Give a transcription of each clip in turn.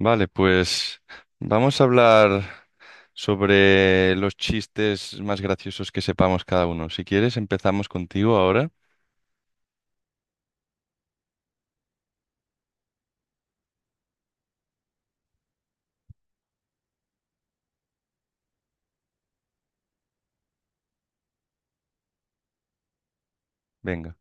Vale, pues vamos a hablar sobre los chistes más graciosos que sepamos cada uno. Si quieres, empezamos contigo ahora. Venga.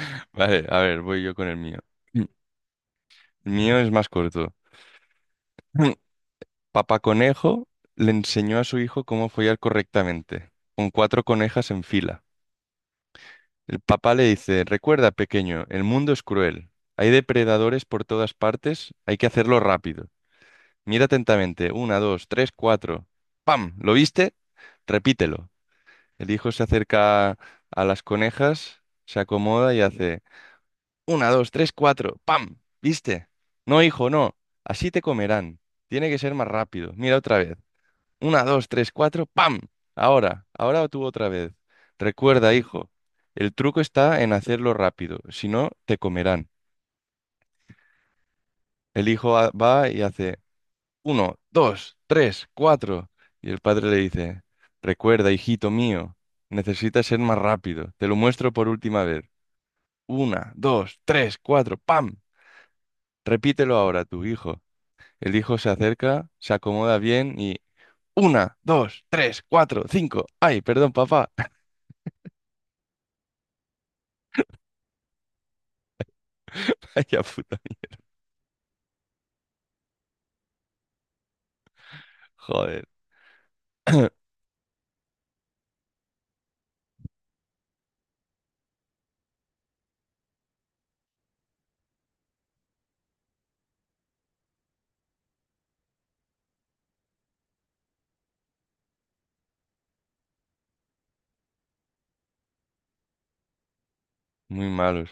Vale, a ver, voy yo con el mío. El mío es más corto. Papá Conejo le enseñó a su hijo cómo follar correctamente, con cuatro conejas en fila. El papá le dice, recuerda, pequeño, el mundo es cruel. Hay depredadores por todas partes, hay que hacerlo rápido. Mira atentamente. Una, dos, tres, cuatro. ¡Pam! ¿Lo viste? Repítelo. El hijo se acerca a las conejas, se acomoda y hace una, dos, tres, cuatro. ¡Pam! ¿Viste? No, hijo, no. Así te comerán. Tiene que ser más rápido. Mira otra vez. Una, dos, tres, cuatro. ¡Pam! Ahora, ahora tú otra vez. Recuerda, hijo, el truco está en hacerlo rápido. Si no, te comerán. Va y hace uno, dos, tres, cuatro. Y el padre le dice, recuerda, hijito mío, necesitas ser más rápido. Te lo muestro por última vez. Una, dos, tres, cuatro, ¡pam! Repítelo ahora, tu hijo. El hijo se acerca, se acomoda bien y una, dos, tres, cuatro, cinco. Ay, perdón, papá. Ay, ya puta. Joder. Muy malos.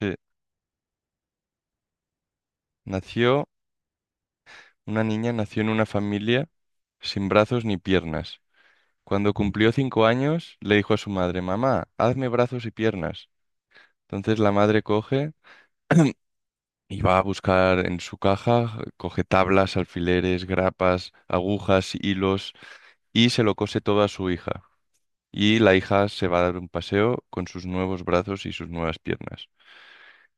Sí. Nació, una niña nació en una familia sin brazos ni piernas. Cuando cumplió 5 años, le dijo a su madre, mamá, hazme brazos y piernas. Entonces la madre coge y va a buscar en su caja, coge tablas, alfileres, grapas, agujas, hilos y se lo cose todo a su hija. Y la hija se va a dar un paseo con sus nuevos brazos y sus nuevas piernas.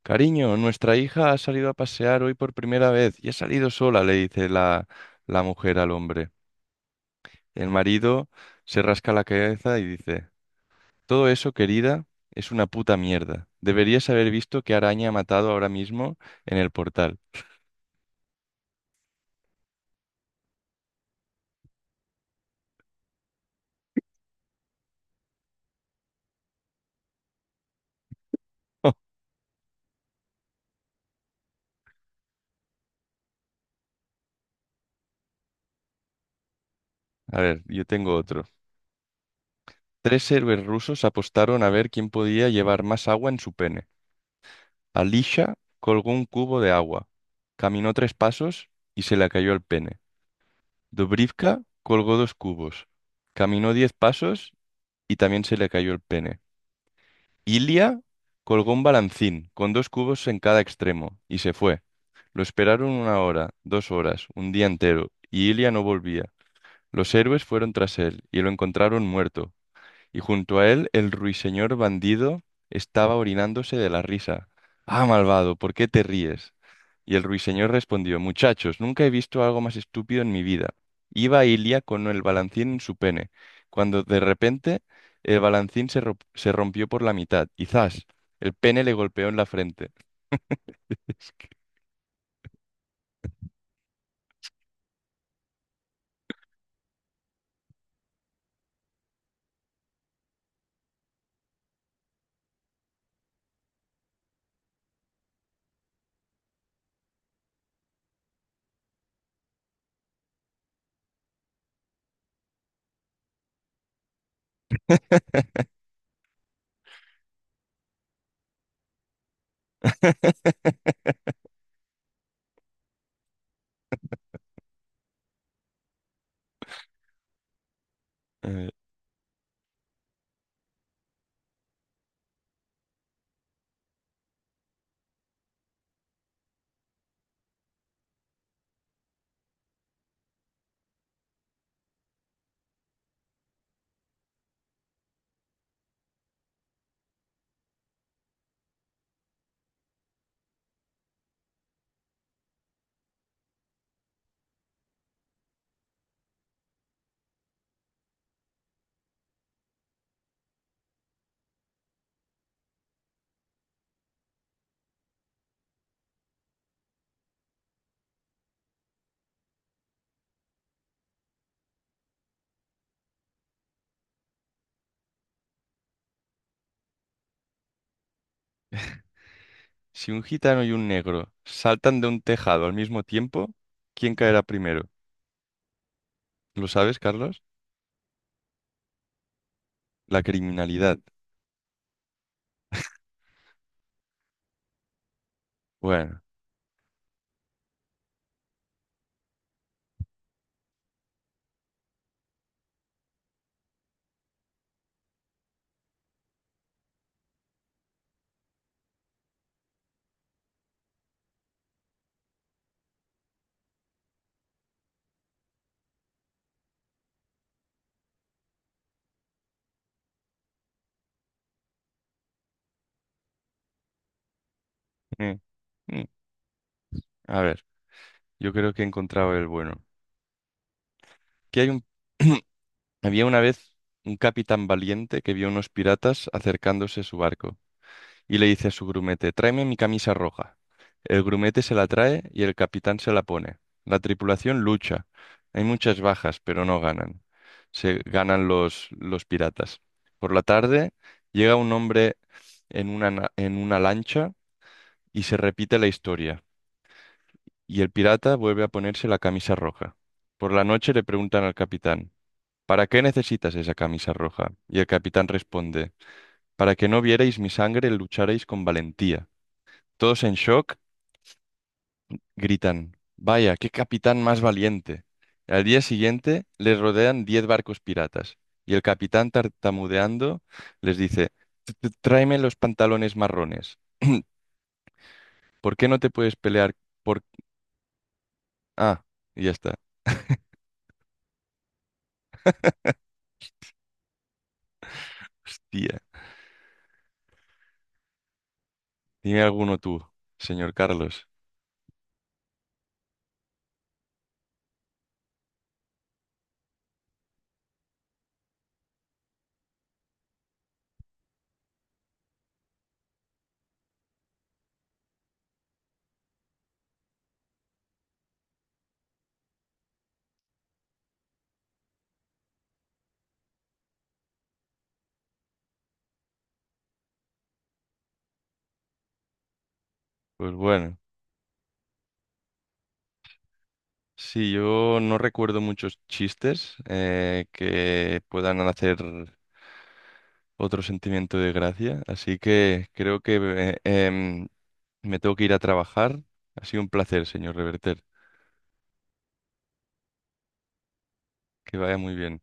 Cariño, nuestra hija ha salido a pasear hoy por primera vez y ha salido sola, le dice la mujer al hombre. El marido se rasca la cabeza y dice, todo eso, querida, es una puta mierda. Deberías haber visto qué araña ha matado ahora mismo en el portal. A ver, yo tengo otro. Tres héroes rusos apostaron a ver quién podía llevar más agua en su pene. Alisha colgó un cubo de agua, caminó tres pasos y se le cayó el pene. Dobrivka colgó dos cubos, caminó 10 pasos y también se le cayó el pene. Ilia colgó un balancín con dos cubos en cada extremo y se fue. Lo esperaron una hora, dos horas, un día entero, y Ilia no volvía. Los héroes fueron tras él y lo encontraron muerto y junto a él el ruiseñor bandido estaba orinándose de la risa. Ah, malvado, ¿por qué te ríes? Y el ruiseñor respondió, muchachos, nunca he visto algo más estúpido en mi vida. Iba Ilia con el balancín en su pene, cuando de repente el balancín se rompió por la mitad y ¡zas! El pene le golpeó en la frente. Eh, Si un gitano y un negro saltan de un tejado al mismo tiempo, ¿quién caerá primero? ¿Lo sabes, Carlos? La criminalidad. Bueno, mm, mm, a ver, yo creo que he encontrado el bueno. Que hay un... Había una vez un capitán valiente que vio a unos piratas acercándose a su barco y le dice a su grumete, tráeme mi camisa roja. El grumete se la trae y el capitán se la pone. La tripulación lucha. Hay muchas bajas, pero no ganan. Se ganan los piratas. Por la tarde llega un hombre en en una lancha y se repite la historia. Y el pirata vuelve a ponerse la camisa roja. Por la noche le preguntan al capitán, ¿para qué necesitas esa camisa roja? Y el capitán responde, para que no vierais mi sangre, lucharéis con valentía. Todos en shock gritan, vaya, qué capitán más valiente. Al día siguiente les rodean 10 barcos piratas y el capitán tartamudeando les dice, Tráeme los pantalones marrones. ¿Por qué no te puedes pelear por... Ah, y ya está. Hostia, dime alguno tú, señor Carlos. Pues bueno, sí, yo no recuerdo muchos chistes que puedan hacer otro sentimiento de gracia, así que creo que me tengo que ir a trabajar. Ha sido un placer, señor Reverter. Que vaya muy bien.